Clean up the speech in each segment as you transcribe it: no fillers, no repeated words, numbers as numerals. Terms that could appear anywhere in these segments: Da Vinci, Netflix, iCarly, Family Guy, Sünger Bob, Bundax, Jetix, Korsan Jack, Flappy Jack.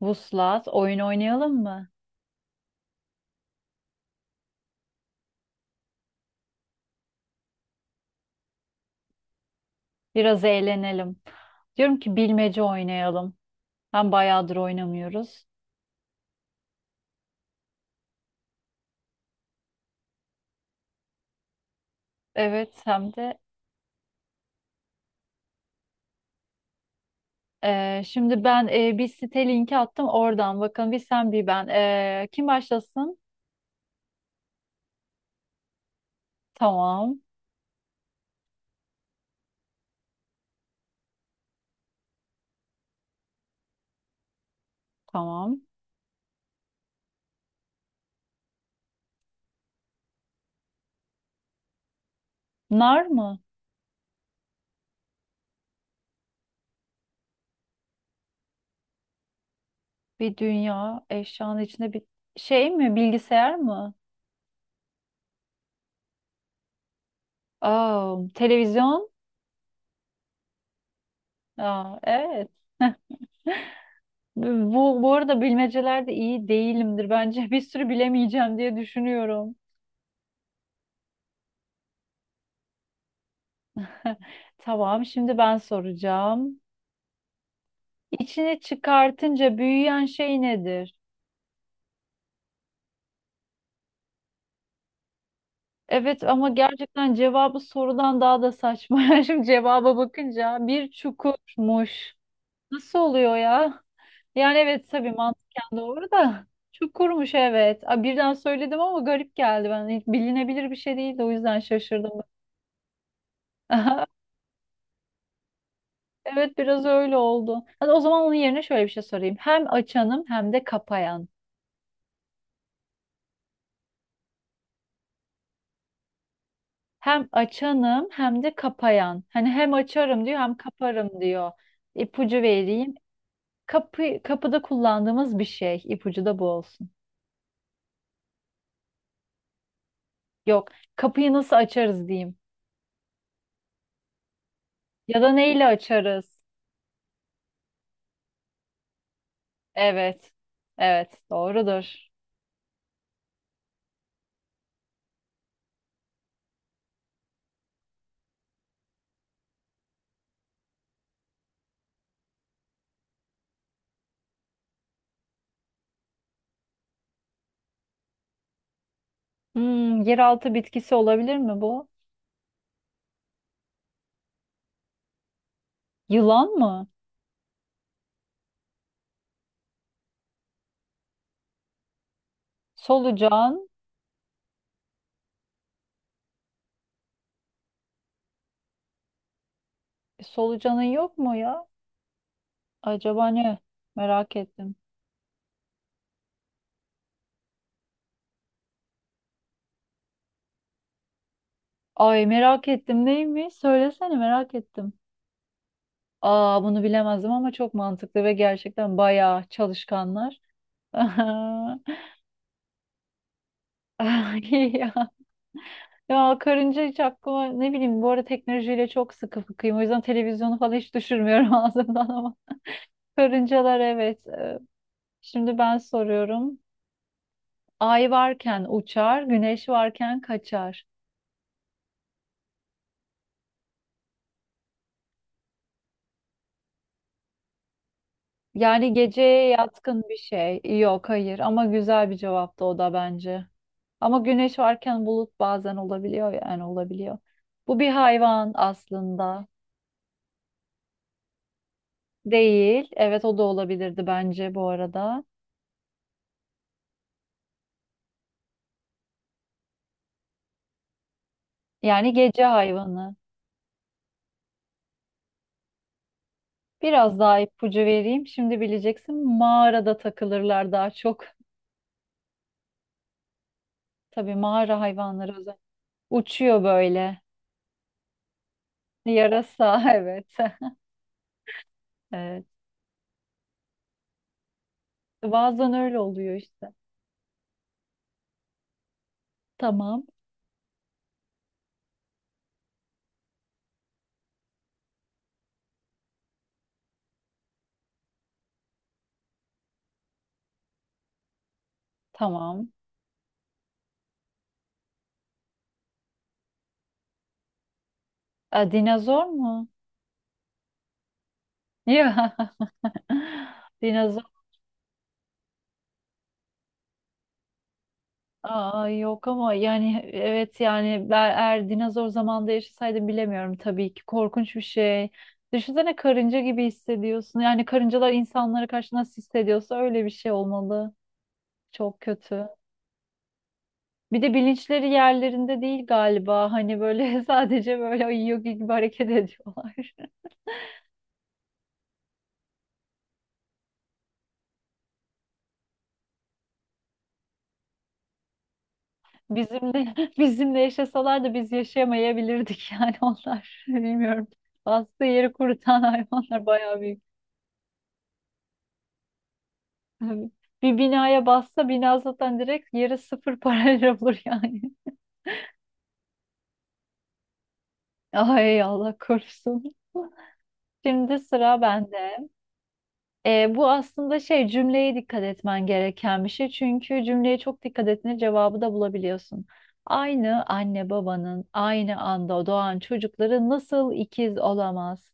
Vuslat, oyun oynayalım mı? Biraz eğlenelim. Diyorum ki bilmece oynayalım. Hem bayağıdır oynamıyoruz. Evet hem de şimdi ben bir site linki attım oradan. Bakın bir sen bir ben. Kim başlasın? Tamam, tamam. Nar mı? Bir dünya eşyanın içinde bir şey mi? Bilgisayar mı? Aa, televizyon? Aa, evet. Bu arada bilmecelerde iyi değilimdir. Bence bir sürü bilemeyeceğim diye düşünüyorum. Tamam, şimdi ben soracağım. İçini çıkartınca büyüyen şey nedir? Evet ama gerçekten cevabı sorudan daha da saçma. Şimdi cevaba bakınca bir çukurmuş. Nasıl oluyor ya? Yani evet tabii mantıken doğru da çukurmuş evet. Aa, birden söyledim ama garip geldi ben. Hiç bilinebilir bir şey değildi, o yüzden şaşırdım. Aha, evet biraz öyle oldu. Hadi o zaman onun yerine şöyle bir şey sorayım. Hem açanım hem de kapayan. Hem açanım hem de kapayan. Hani hem açarım diyor hem kaparım diyor. İpucu vereyim. Kapı, kapıda kullandığımız bir şey. İpucu da bu olsun. Yok. Kapıyı nasıl açarız diyeyim. Ya da neyle açarız? Evet. Evet. Doğrudur. Hmm, yeraltı bitkisi olabilir mi bu? Yılan mı? Solucan. Solucanın yok mu ya? Acaba ne? Merak ettim. Ay merak ettim neymiş? Söylesene merak ettim. Aa bunu bilemezdim ama çok mantıklı ve gerçekten bayağı çalışkanlar. Ay ya. Ya karınca hiç aklıma, ne bileyim, bu arada teknolojiyle çok sıkı fıkıyım. O yüzden televizyonu falan hiç düşürmüyorum ağzımdan ama. Karıncalar evet. Şimdi ben soruyorum. Ay varken uçar, güneş varken kaçar. Yani geceye yatkın bir şey. Yok hayır ama güzel bir cevaptı o da bence. Ama güneş varken bulut bazen olabiliyor, yani olabiliyor. Bu bir hayvan aslında değil. Evet o da olabilirdi bence bu arada. Yani gece hayvanı. Biraz daha ipucu vereyim. Şimdi bileceksin, mağarada takılırlar daha çok. Tabii mağara hayvanları özel. Uçuyor böyle. Yarasa evet. Evet. Bazen öyle oluyor işte. Tamam. Tamam. A, dinozor mu? Ya. Dinozor aa, yok ama yani evet, yani ben eğer dinozor zamanında yaşasaydım bilemiyorum, tabii ki korkunç bir şey. Düşünsene, karınca gibi hissediyorsun. Yani karıncalar insanlara karşı nasıl hissediyorsa öyle bir şey olmalı. Çok kötü. Bir de bilinçleri yerlerinde değil galiba. Hani böyle sadece böyle uyuyor gibi hareket ediyorlar. Bizimle yaşasalar da biz yaşayamayabilirdik, yani onlar. Bilmiyorum. Bastığı yeri kurutan hayvanlar bayağı büyük. Evet. Bir binaya bassa bina zaten direkt yeri sıfır parayla olur yani. Ay Allah korusun. Şimdi sıra bende. Bu aslında şey, cümleye dikkat etmen gereken bir şey. Çünkü cümleye çok dikkat ettiğinde cevabı da bulabiliyorsun. Aynı anne babanın aynı anda doğan çocukları nasıl ikiz olamaz?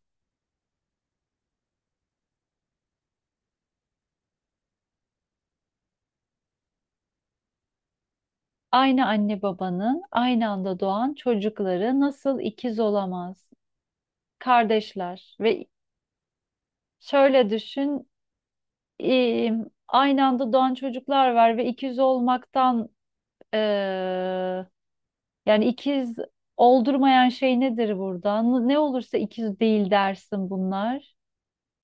Aynı anne babanın aynı anda doğan çocukları nasıl ikiz olamaz? Kardeşler ve şöyle düşün, e, aynı anda doğan çocuklar var ve ikiz olmaktan, e, yani ikiz oldurmayan şey nedir burada? Ne olursa ikiz değil dersin bunlar.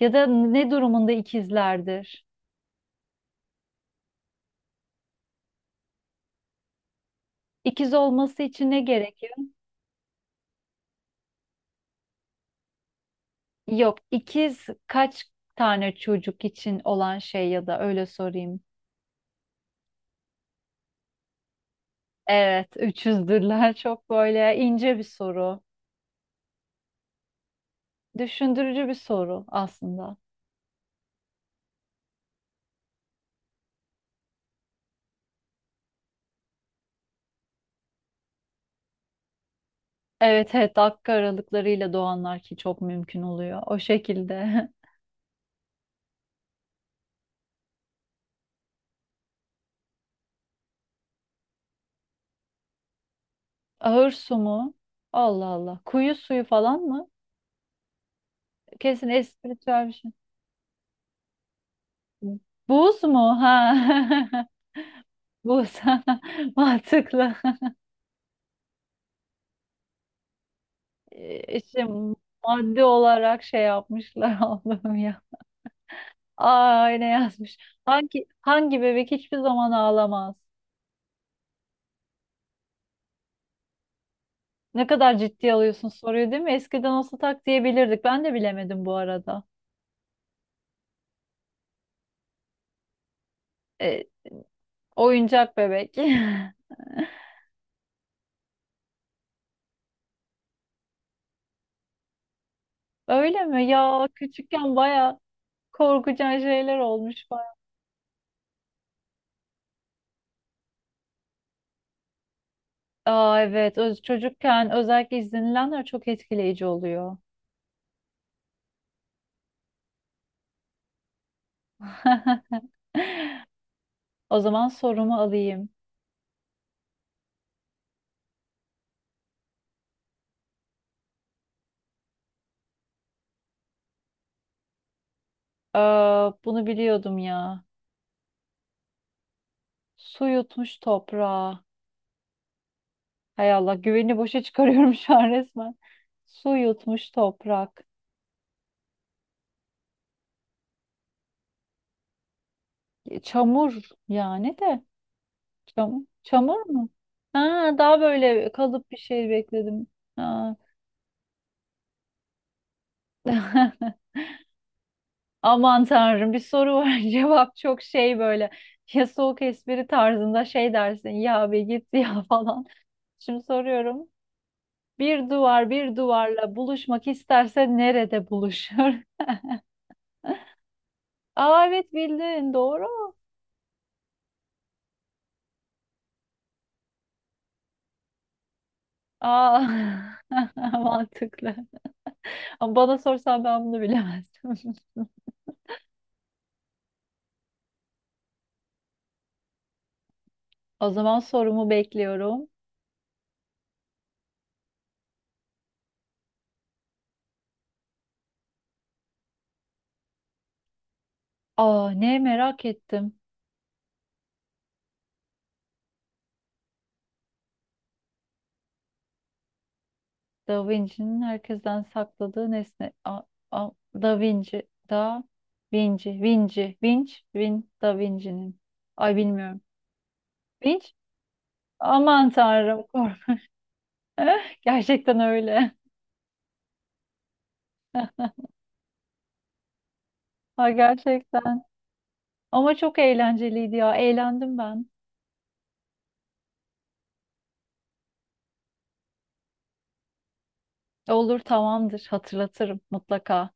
Ya da ne durumunda ikizlerdir? İkiz olması için ne gerekiyor? Yok, ikiz kaç tane çocuk için olan şey, ya da öyle sorayım. Evet, üçüzdürler. Çok böyle ince bir soru. Düşündürücü bir soru aslında. Evet evet, dakika aralıklarıyla doğanlar, ki çok mümkün oluyor. O şekilde. Ahır su mu? Allah Allah. Kuyu suyu falan mı? Kesin espiritüel bir şey. Buz mu? Ha. Buz. Mantıklı. İşte madde olarak şey yapmışlar Allah'ım ya. Aa ne yazmış. Hangi bebek hiçbir zaman ağlamaz? Ne kadar ciddi alıyorsun soruyu değil mi? Eskiden olsa tak diyebilirdik. Ben de bilemedim bu arada. E, Oyuncak bebek. Öyle mi? Ya küçükken baya korkucan şeyler olmuş baya. Aa evet, öz çocukken özellikle izlenilenler çok etkileyici oluyor. O zaman sorumu alayım. Ee, Bunu biliyordum ya. Su yutmuş toprağa. Hay Allah, güveni boşa çıkarıyorum şu an resmen. Su yutmuş toprak. Çamur yani de. Çamur mu? Ha, daha böyle kalıp bir şey bekledim. Ha, aman tanrım bir soru var cevap çok şey böyle, ya soğuk espri tarzında şey dersin ya, be git ya falan. Şimdi soruyorum, bir duvar bir duvarla buluşmak isterse nerede buluşur? Aa evet bildin, doğru. Aa mantıklı. Ama bana sorsan ben bunu bilemezdim. O zaman sorumu bekliyorum. Aa ne merak ettim. Da Vinci'nin herkesten sakladığı nesne. A, a, Da Vinci, Da Vinci, Vinci, Vinci, Vin, Da Vinci'nin. Ay bilmiyorum. Vinci? Aman tanrım kork. Gerçekten öyle. Ha gerçekten. Ama çok eğlenceliydi ya. Eğlendim ben. Olur tamamdır. Hatırlatırım mutlaka.